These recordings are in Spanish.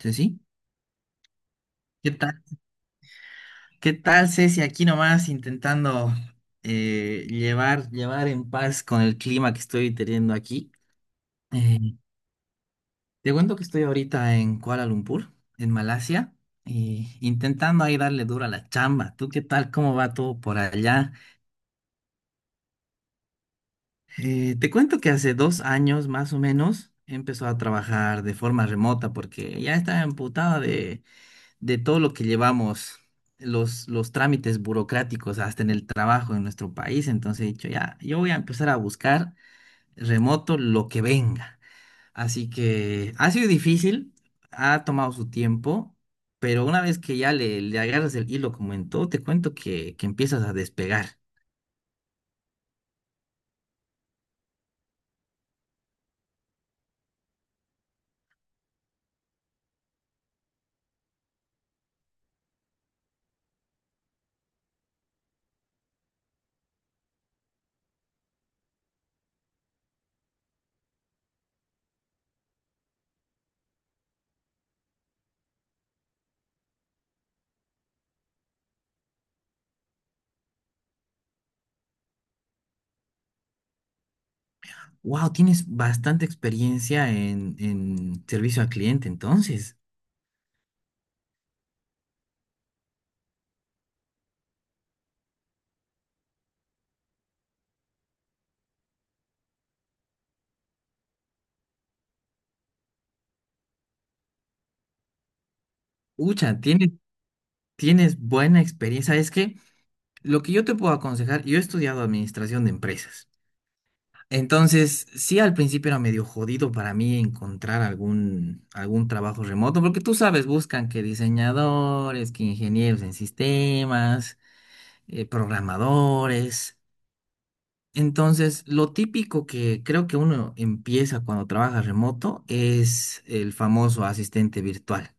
Ceci, ¿qué tal? ¿Qué tal, Ceci? Aquí nomás intentando llevar en paz con el clima que estoy teniendo aquí. Eh, Te cuento que estoy ahorita en Kuala Lumpur, en Malasia, y intentando ahí darle duro a la chamba. ¿Tú qué tal? ¿Cómo va todo por allá? Te cuento que hace 2 años más o menos empezó a trabajar de forma remota porque ya estaba emputada de todo lo que llevamos, los trámites burocráticos, hasta en el trabajo en nuestro país. Entonces he dicho, ya, yo voy a empezar a buscar remoto lo que venga. Así que ha sido difícil, ha tomado su tiempo, pero una vez que ya le agarras el hilo, como en todo, te cuento que empiezas a despegar. Wow, tienes bastante experiencia en servicio al cliente, entonces. Ucha, tienes buena experiencia. ¿Sabes qué? Lo que yo te puedo aconsejar, yo he estudiado administración de empresas. Entonces, sí, al principio era medio jodido para mí encontrar algún trabajo remoto, porque tú sabes, buscan que diseñadores, que ingenieros en sistemas, programadores. Entonces, lo típico que creo que uno empieza cuando trabaja remoto es el famoso asistente virtual,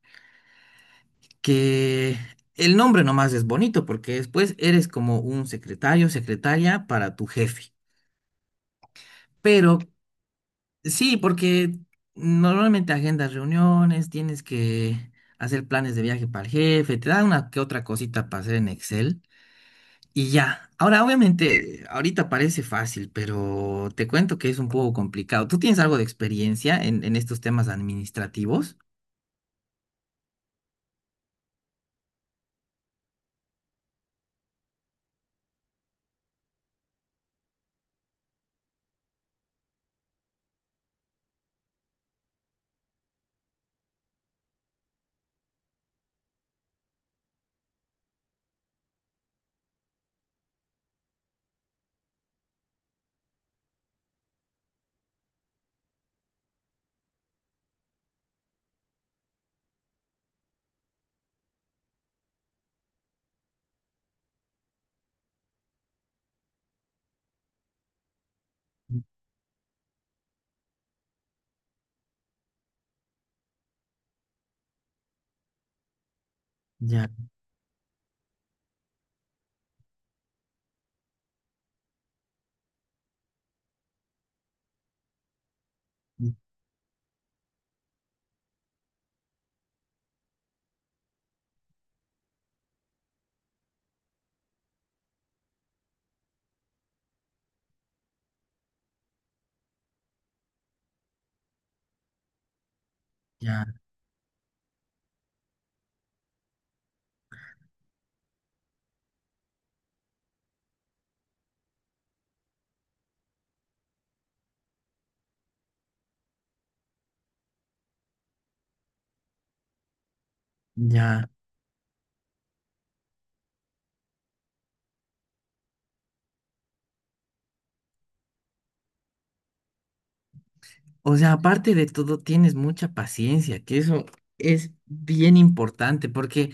que el nombre nomás es bonito porque después eres como un secretario, secretaria para tu jefe. Pero sí, porque normalmente agendas reuniones, tienes que hacer planes de viaje para el jefe, te da una que otra cosita para hacer en Excel y ya. Ahora, obviamente, ahorita parece fácil, pero te cuento que es un poco complicado. ¿Tú tienes algo de experiencia en estos temas administrativos? Ya, ya, ya. O sea, aparte de todo, tienes mucha paciencia, que eso es bien importante, porque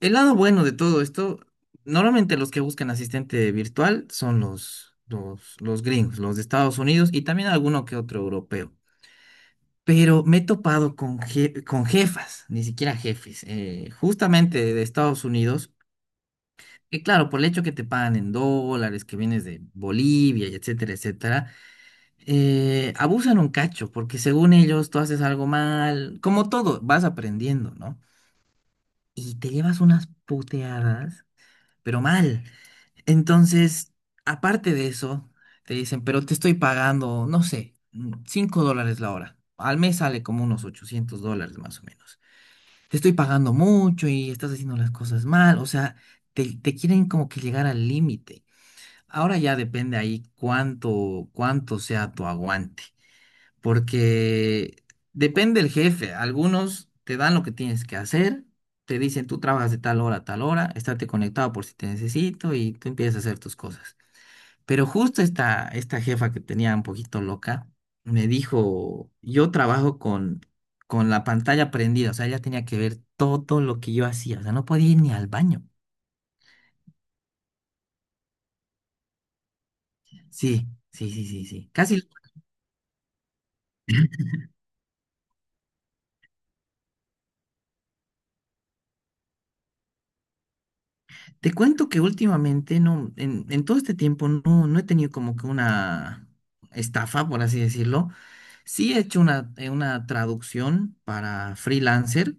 el lado bueno de todo esto, normalmente los que buscan asistente virtual son los gringos, los de Estados Unidos y también alguno que otro europeo. Pero me he topado con, con jefas, ni siquiera jefes, justamente de Estados Unidos, que claro, por el hecho que te pagan en dólares, que vienes de Bolivia, y etcétera, etcétera, abusan un cacho, porque según ellos tú haces algo mal, como todo, vas aprendiendo, ¿no? Y te llevas unas puteadas pero mal. Entonces, aparte de eso, te dicen, pero te estoy pagando, no sé, $5 la hora. Al mes sale como unos $800 más o menos. Te estoy pagando mucho y estás haciendo las cosas mal. O sea, te quieren como que llegar al límite. Ahora ya depende ahí cuánto sea tu aguante porque depende el jefe. Algunos te dan lo que tienes que hacer, te dicen tú trabajas de tal hora a tal hora, estate conectado por si te necesito y tú empiezas a hacer tus cosas. Pero justo esta jefa que tenía un poquito loca me dijo, yo trabajo con la pantalla prendida, o sea, ella tenía que ver todo lo que yo hacía, o sea, no podía ir ni al baño. Sí, sí, sí, sí, sí. Casi. Te cuento que últimamente no, en todo este tiempo no, no he tenido como que una estafa, por así decirlo. Sí he hecho una traducción para freelancer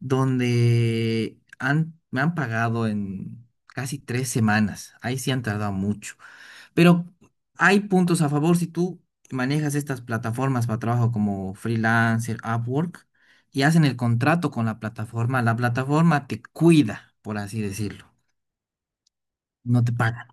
donde han, me han pagado en casi 3 semanas. Ahí sí han tardado mucho. Pero hay puntos a favor si tú manejas estas plataformas para trabajo como freelancer, Upwork, y hacen el contrato con la plataforma te cuida, por así decirlo. No te pagan.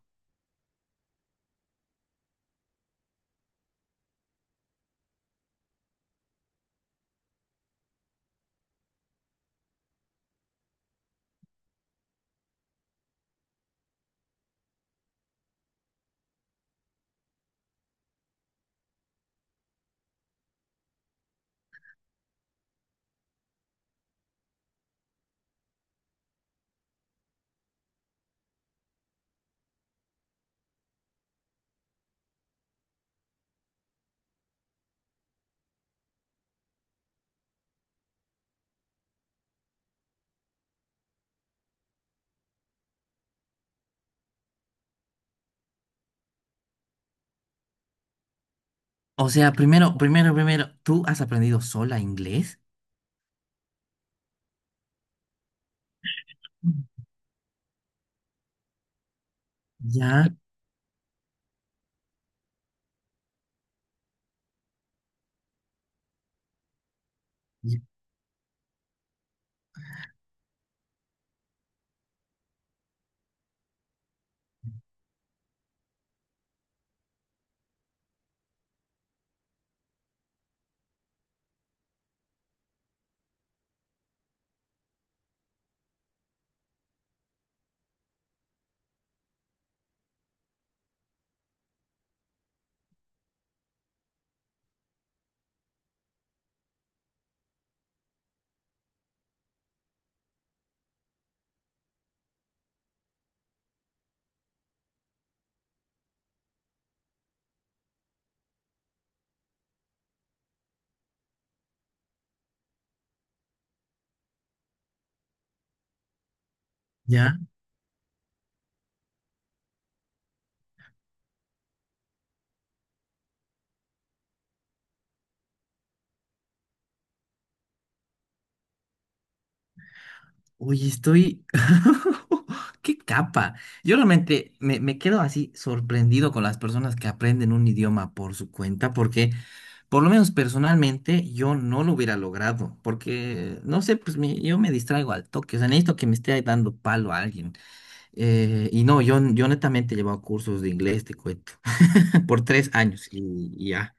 O sea, primero, ¿tú has aprendido sola inglés? Ya, ya, ya. Oye, estoy... ¡Qué capa! Yo realmente me quedo así sorprendido con las personas que aprenden un idioma por su cuenta, porque por lo menos personalmente yo no lo hubiera logrado, porque, no sé, yo me distraigo al toque, o sea, necesito que me esté dando palo a alguien. Y no, yo netamente he llevado cursos de inglés, te cuento, por 3 años y ya.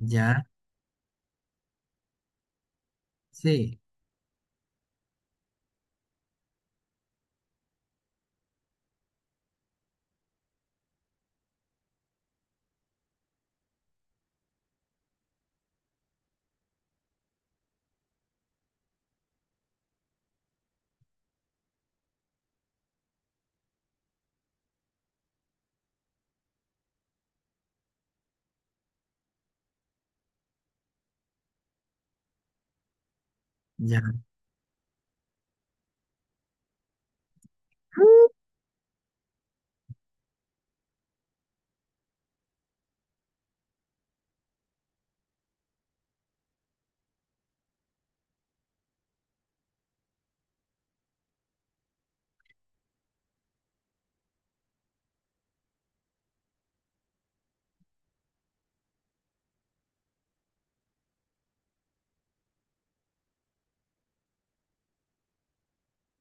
Ya, sí, ya.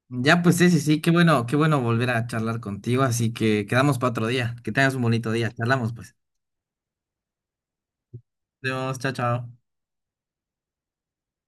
Ya, pues sí, sí, sí, qué bueno volver a charlar contigo, así que quedamos para otro día. Que tengas un bonito día, charlamos pues. Adiós, chao, chao.